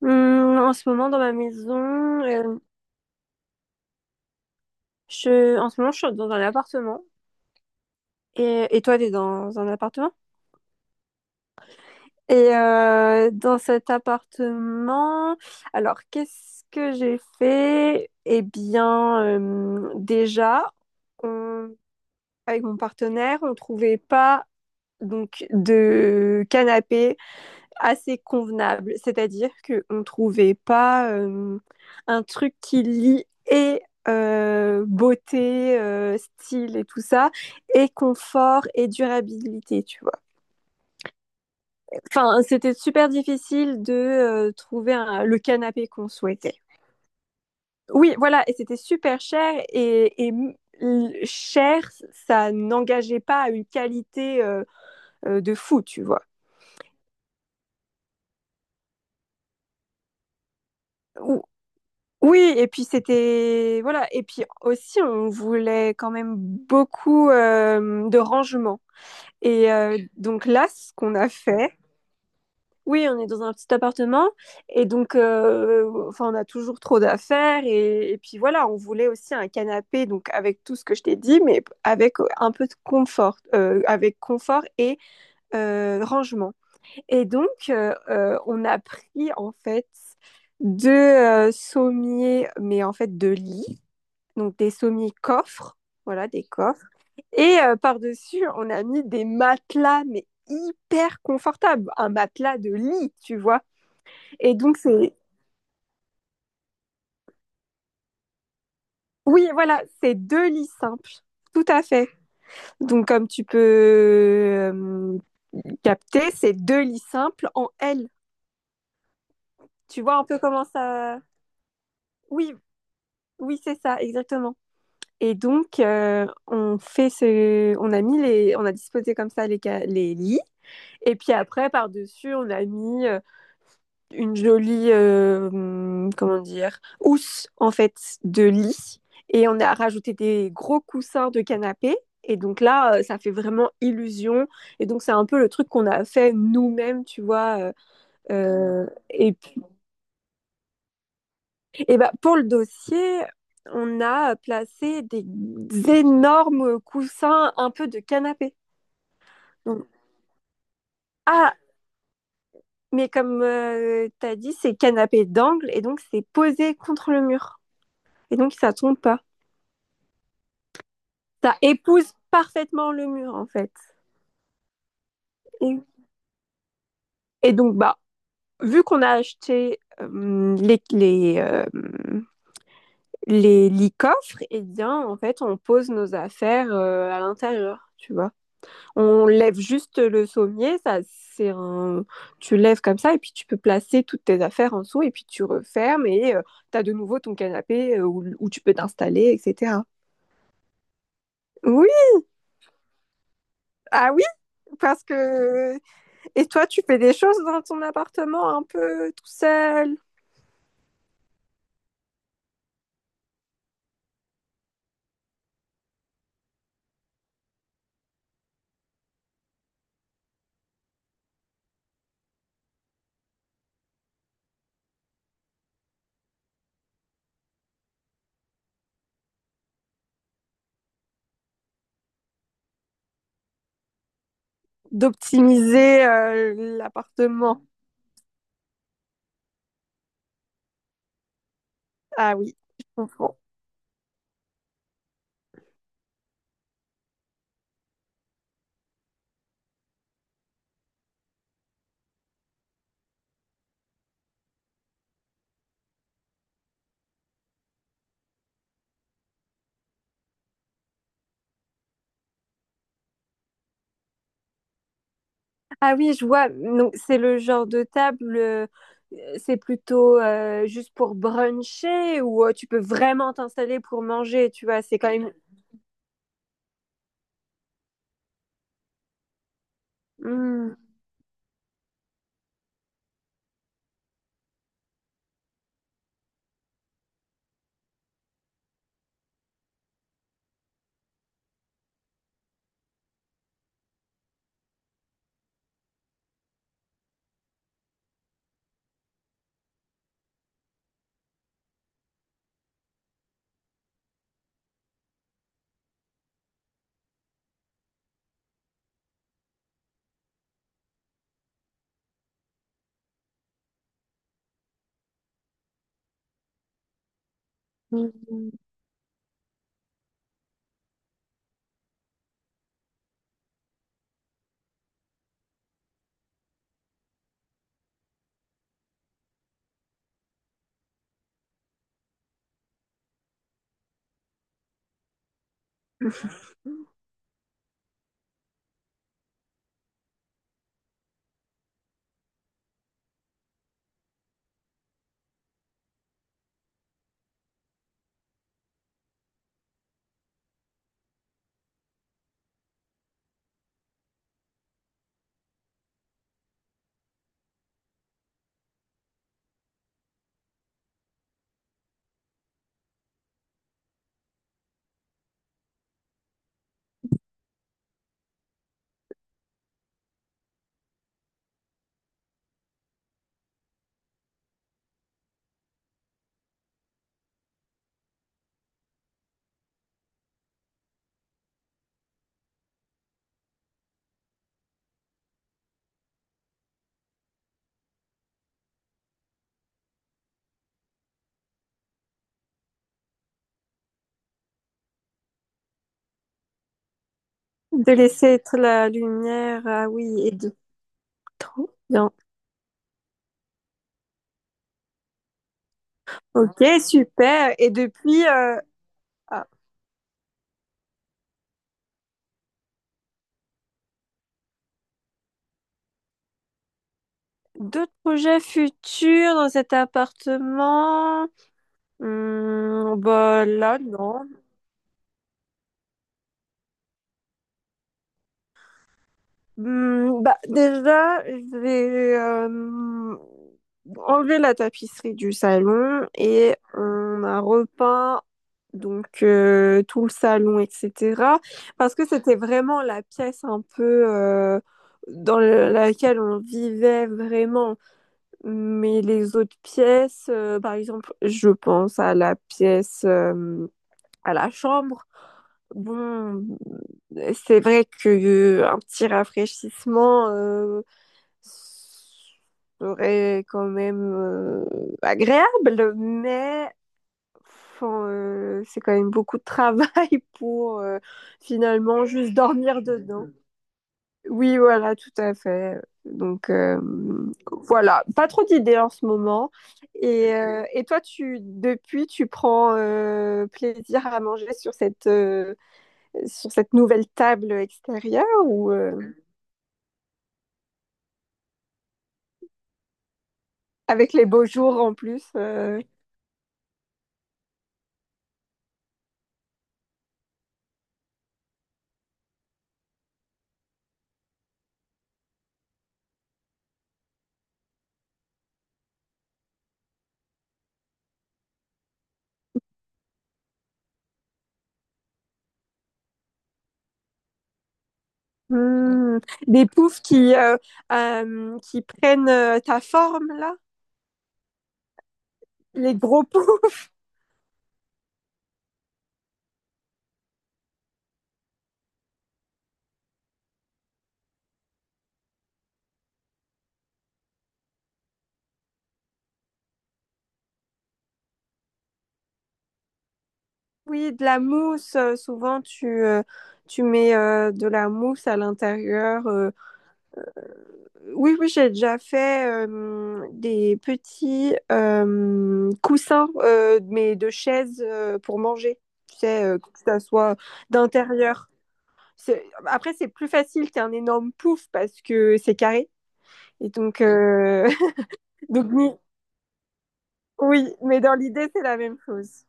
En ce moment, dans ma maison, euh, je, en ce moment, je suis dans un appartement. Et toi, t'es dans un appartement? Et dans cet appartement, alors qu'est-ce que j'ai fait? Eh bien, déjà, on- avec mon partenaire, on trouvait pas donc de canapé assez convenable. C'est-à-dire qu'on ne trouvait pas un truc qui lie et beauté, style et tout ça, et confort et durabilité, tu vois. Enfin, c'était super difficile de trouver le canapé qu'on souhaitait. Oui, voilà, et c'était super cher et cher, ça n'engageait pas à une qualité de fou, tu vois. Oui, et puis c'était voilà, et puis aussi on voulait quand même beaucoup de rangement. Et donc là, ce qu'on a fait, oui, on est dans un petit appartement, et donc enfin on a toujours trop d'affaires, et puis voilà, on voulait aussi un canapé, donc avec tout ce que je t'ai dit, mais avec un peu de confort, avec confort et rangement. Et donc on a pris en fait deux sommiers, mais en fait deux lits donc des sommiers-coffres, voilà, des coffres. Et par-dessus, on a mis des matelas, mais hyper confortables, un matelas de lit, tu vois. Et donc, c'est. Oui, voilà, c'est deux lits simples, tout à fait. Donc, comme tu peux capter, c'est deux lits simples en L. Tu vois un peu comment ça. Oui, oui, c'est ça, exactement. Et donc, on fait ce, on a mis les, on a disposé comme ça les, les lits. Et puis après, par-dessus, on a mis une jolie, comment dire, housse en fait de lit. Et on a rajouté des gros coussins de canapé. Et donc là, ça fait vraiment illusion. Et donc c'est un peu le truc qu'on a fait nous-mêmes, tu vois. Et puis, et bah, pour le dossier, on a placé des énormes coussins un peu de canapé. Donc, ah, mais comme t'as dit, c'est canapé d'angle et donc c'est posé contre le mur. Et donc ça tombe pas. Ça épouse parfaitement le mur en fait. Et, et donc bah vu qu'on a acheté les coffres, et eh bien en fait on pose nos affaires à l'intérieur, tu vois. On lève juste le sommier, ça, c'est un... tu lèves comme ça et puis tu peux placer toutes tes affaires en dessous et puis tu refermes et tu as de nouveau ton canapé où tu peux t'installer, etc. Oui, ah oui, parce que... Et toi, tu fais des choses dans ton appartement un peu tout seul, d'optimiser l'appartement. Ah oui, je comprends. Ah oui, je vois. Donc, c'est le genre de table, c'est plutôt juste pour bruncher ou tu peux vraiment t'installer pour manger, tu vois. C'est quand même. Hmm, hmm, hmm. De laisser être la lumière, ah oui, et de. Trop bien. Ok, super. Et depuis, ah, d'autres projets futurs dans cet appartement? Hmm, bah là, non. Hmm, bah, déjà, je vais enlever la tapisserie du salon et on a repeint donc tout le salon, etc. Parce que c'était vraiment la pièce un peu dans laquelle on vivait vraiment. Mais les autres pièces, par exemple, je pense à la pièce à la chambre. Bon, c'est vrai que un petit rafraîchissement serait quand même agréable, mais enfin, c'est quand même beaucoup de travail pour finalement juste dormir dedans. Oui, voilà, tout à fait. Donc voilà, pas trop d'idées en ce moment. Et toi, tu depuis, tu prends plaisir à manger sur cette nouvelle table extérieure ou avec les beaux jours en plus hmm, des poufs qui prennent ta forme là. Les gros poufs. Oui, de la mousse. Souvent, tu tu mets de la mousse à l'intérieur. Oui, oui, j'ai déjà fait des petits coussins, mais de chaises pour manger. Tu sais, que ça soit d'intérieur. C'est... Après, c'est plus facile qu'un énorme pouf parce que c'est carré. Et donc, Donc oui, oui, mais dans l'idée, c'est la même chose.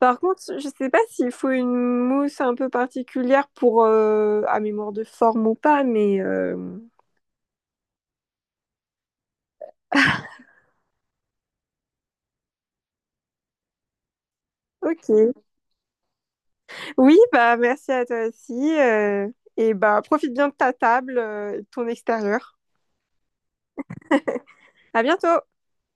Par contre, je sais pas s'il faut une mousse un peu particulière pour à mémoire de forme ou pas, mais ok. Oui, bah merci à toi aussi. euh, et bah profite bien de ta table et de ton extérieur. À bientôt!